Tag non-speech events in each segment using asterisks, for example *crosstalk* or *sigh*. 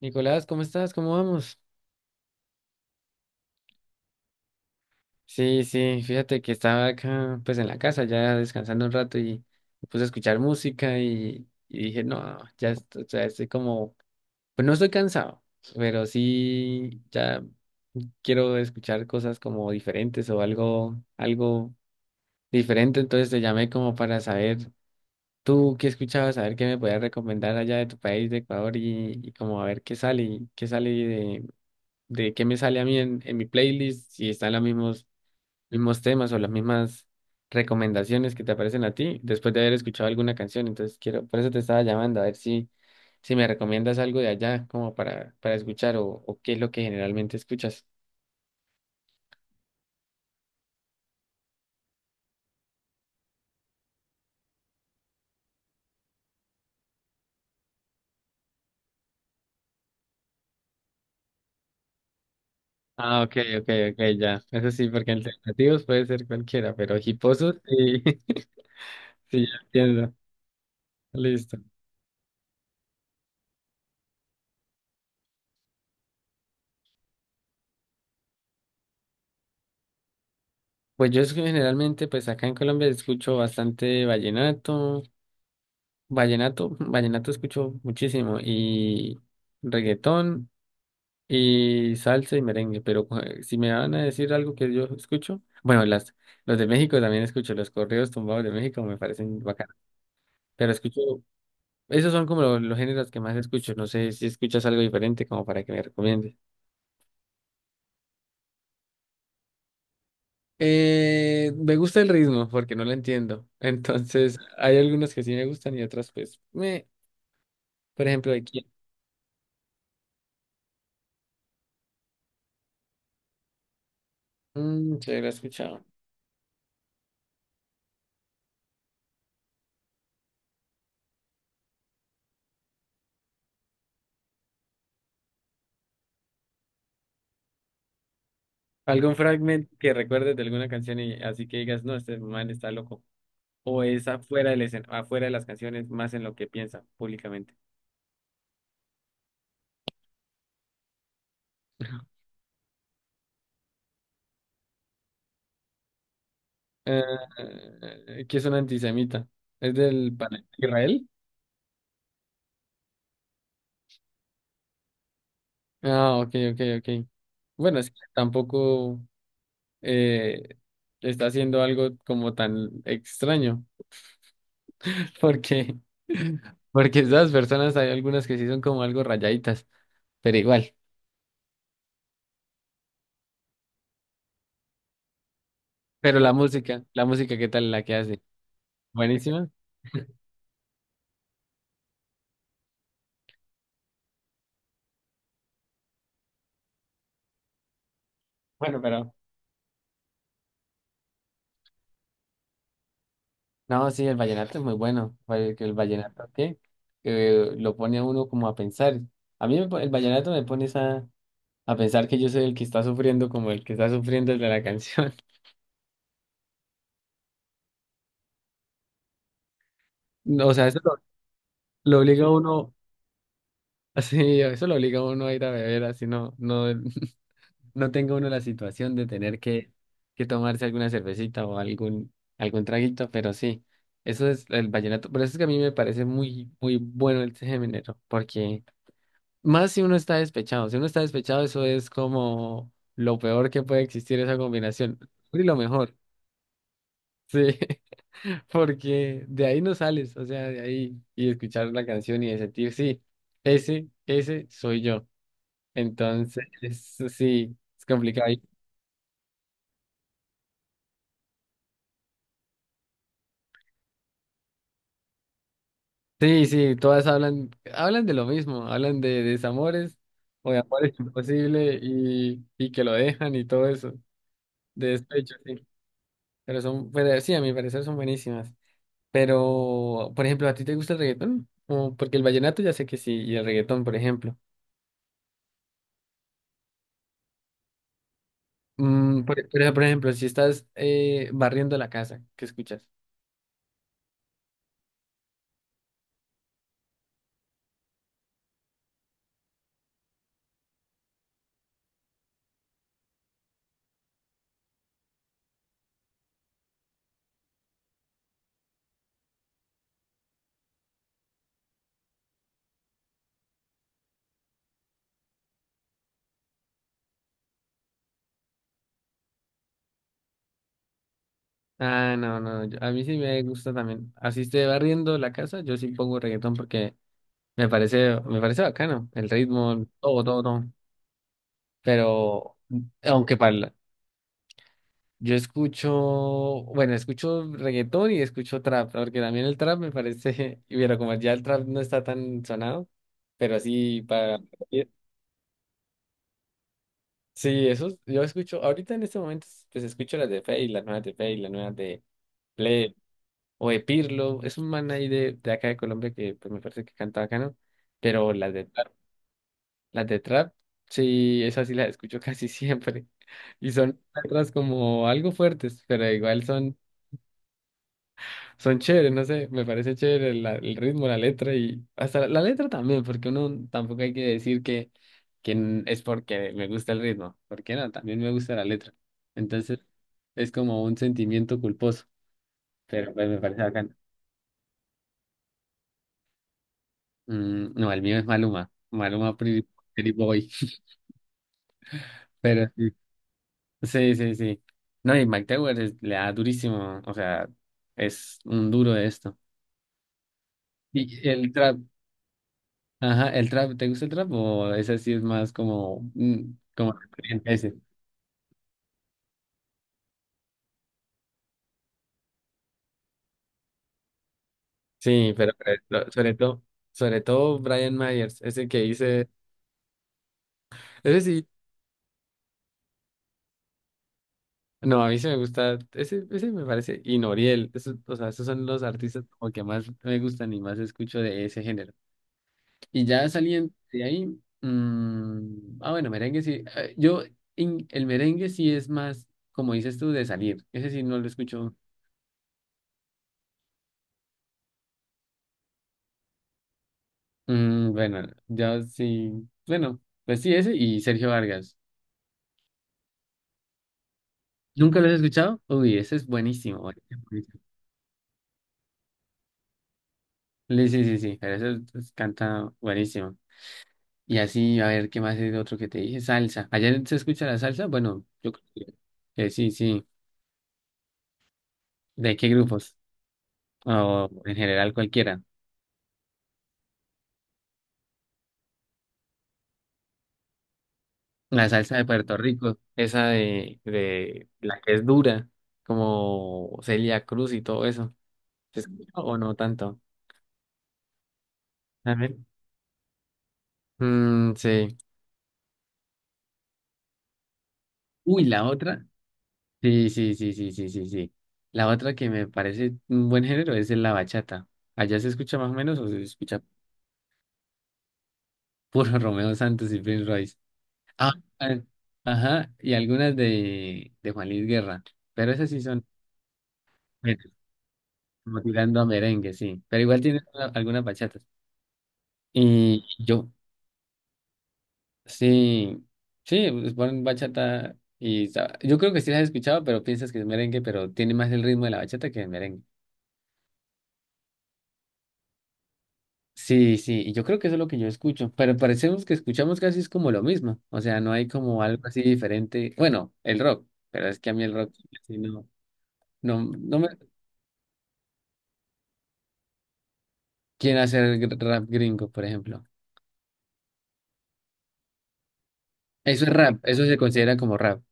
Nicolás, ¿cómo estás? ¿Cómo vamos? Sí, sí, fíjate que estaba acá pues en la casa ya descansando un rato y me puse a escuchar música y dije, no, ya estoy, o sea, estoy como, pues no estoy cansado, pero sí ya quiero escuchar cosas como diferentes o algo diferente, entonces te llamé como para saber tú qué escuchabas, saber qué me podías recomendar allá de tu país, de Ecuador y como a ver qué sale de qué me sale a mí en mi playlist, si están los mismos, mismos temas o las mismas recomendaciones que te aparecen a ti después de haber escuchado alguna canción. Entonces quiero, por eso te estaba llamando, a ver si, si me recomiendas algo de allá como para escuchar o qué es lo que generalmente escuchas. Ah, ok, ok, ok, ya. Eso sí, porque alternativos puede ser cualquiera, pero hiposos sí, *laughs* sí, ya entiendo. Listo. Pues yo generalmente, pues acá en Colombia escucho bastante vallenato. Vallenato, vallenato escucho muchísimo y reggaetón y salsa y merengue, pero si me van a decir algo que yo escucho, bueno, las, los de México también escucho, los corridos tumbados de México me parecen bacanos, pero escucho, esos son como los géneros que más escucho, no sé si escuchas algo diferente como para que me recomiendes. Me gusta el ritmo porque no lo entiendo, *laughs* entonces hay algunos que sí me gustan y otros pues, me, por ejemplo, aquí, mm, se lo he escuchado. Algún fragmento que recuerdes de alguna canción y así que digas, no, este man está loco. O es afuera de las canciones, más en lo que piensa públicamente. Eh, ¿Que es un antisemita? ¿Es del Palestina Israel? Ah, ok, ok, ok. Bueno, es que tampoco eh, está haciendo algo como tan extraño, *laughs* porque, porque esas personas hay algunas que sí son como algo rayaditas, pero igual. Pero la música, ¿qué tal la que hace? Buenísima. Bueno, pero no, sí, el vallenato es muy bueno. El vallenato, ¿qué? Que lo pone a uno como a pensar. A mí me po- El vallenato me pone a pensar que yo soy el que está sufriendo como el que está sufriendo el de la canción. *laughs* No, o sea, eso lo obliga a uno, *laughs* así, eso lo obliga a uno a ir a beber, así no, no, *laughs* no tenga uno la situación de tener que tomarse alguna cervecita o algún, algún traguito, pero sí, eso es el vallenato. Por eso es que a mí me parece muy, muy bueno el género, porque más si uno está despechado. Si uno está despechado, eso es como lo peor que puede existir esa combinación. Y lo mejor, sí. *laughs* Porque de ahí no sales, o sea, de ahí y escuchar la canción y de sentir, sí, ese soy yo. Entonces, sí, es complicado. Sí, sí, todas hablan, hablan de lo mismo, hablan de desamores o de amores *laughs* imposibles y que lo dejan y todo eso, de despecho, sí. Pero son, pero sí, a mi parecer son buenísimas. Pero, por ejemplo, ¿a ti te gusta el reggaetón? O porque el vallenato ya sé que sí, y el reggaetón, por ejemplo. Mm, por, pero, por ejemplo, si estás barriendo la casa, ¿qué escuchas? Ah, no, no, a mí sí me gusta también. Así esté barriendo la casa, yo sí pongo reggaetón porque me parece bacano, el ritmo, todo, todo, todo. Pero, aunque para, yo escucho, bueno, escucho reggaetón y escucho trap, porque también el trap me parece, *laughs* y bueno, como ya el trap no está tan sonado, pero sí para... Sí, eso, yo escucho, ahorita en este momento, pues escucho las de Fade, las nuevas de Fade, las nuevas de Ple o de Pirlo, es un man ahí de acá de Colombia que pues me parece que canta bacano, pero las de trap, sí, esas sí las escucho casi siempre, *laughs* y son letras como algo fuertes, pero igual son. Son chéveres, no sé, me parece chévere el ritmo, la letra y hasta la, la letra también, porque uno tampoco hay que decir que es porque me gusta el ritmo, porque no, también me gusta la letra. Entonces es como un sentimiento culposo, pero pues me parece bacano. Mm, no, el mío es Maluma, Maluma Pretty, Pretty Boy, *laughs* pero sí, sí, sí, sí. No, y Mike Tower le da durísimo, o sea, es un duro de esto. Y el trap. Ajá, el trap, ¿te gusta el trap o ese sí es más como, mm, como la corriente ese? Sí, pero sobre todo Brian Myers, ese que dice, ese sí, no, a mí sí me gusta, ese me parece, y Noriel, eso, o sea, esos son los artistas como que más me gustan y más escucho de ese género. Y ya saliendo de ahí, mm, ah, bueno, merengue sí, yo, el merengue sí es más, como dices tú, de salir, ese sí no lo escucho. Mm, bueno, yo sí. Bueno, pues sí, ese y Sergio Vargas. ¿Nunca lo has escuchado? Uy, ese es buenísimo, buenísimo, buenísimo. Sí, sí, sí, pero ese pues, canta buenísimo. Y así, a ver, ¿qué más es otro que te dije? Salsa. ¿Ayer se escucha la salsa? Bueno, yo creo que sí, sí. ¿De qué grupos? O en general cualquiera. La salsa de Puerto Rico, esa de la que es dura, como Celia Cruz y todo eso. ¿Se escucha o no tanto? A ver. Mm, sí. Uy, la otra. Sí, sí, sí, sí, sí, sí, sí. La otra que me parece un buen género es la bachata. ¿Allá se escucha más o menos o se escucha puro *laughs* Romeo Santos y Prince Royce? Ah, ah, ajá, y algunas de Juan Luis Guerra. Pero esas sí son bueno, como tirando a merengue, sí. Pero igual tienen algunas bachatas. Y yo, sí, sí, pues ponen bachata y yo creo que sí las has escuchado, pero piensas que es merengue, pero tiene más el ritmo de la bachata que el merengue. Sí, sí, y yo creo que eso es lo que yo escucho, pero parecemos que escuchamos casi es como lo mismo, o sea, no hay como algo así diferente, bueno, el rock, pero es que a mí el rock sí no, no, no me. ¿Quién hace el rap gringo, por ejemplo? Eso es rap, eso se considera como rap.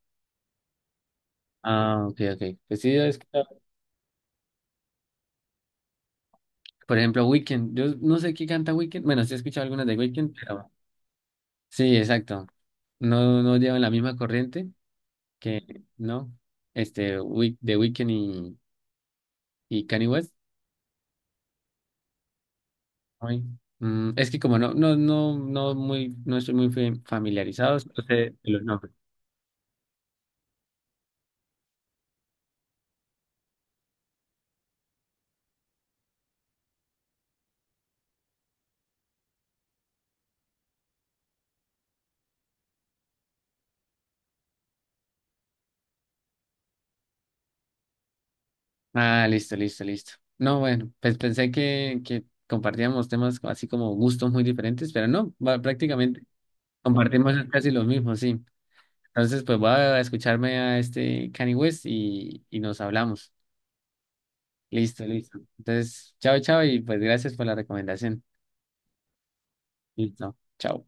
Ah, ok, ok. Pues sí, yo he escuchado, por ejemplo, Weekend, yo no sé qué canta Weekend, bueno, sí he escuchado algunas de Weekend, pero sí, exacto. No, no llevan la misma corriente que, ¿no? Este, Week, de Weekend y Kanye West. Ay, mm, es que como no, no, no, no muy, no estoy muy familiarizado, no sé de los nombres. Ah, listo, listo, listo. No, bueno, pues pensé que compartíamos temas así como gustos muy diferentes, pero no, prácticamente compartimos casi los mismos, sí. Entonces, pues voy a escucharme a este Kanye West y nos hablamos. Listo, listo. Entonces, chao, chao y pues gracias por la recomendación. Listo, chao.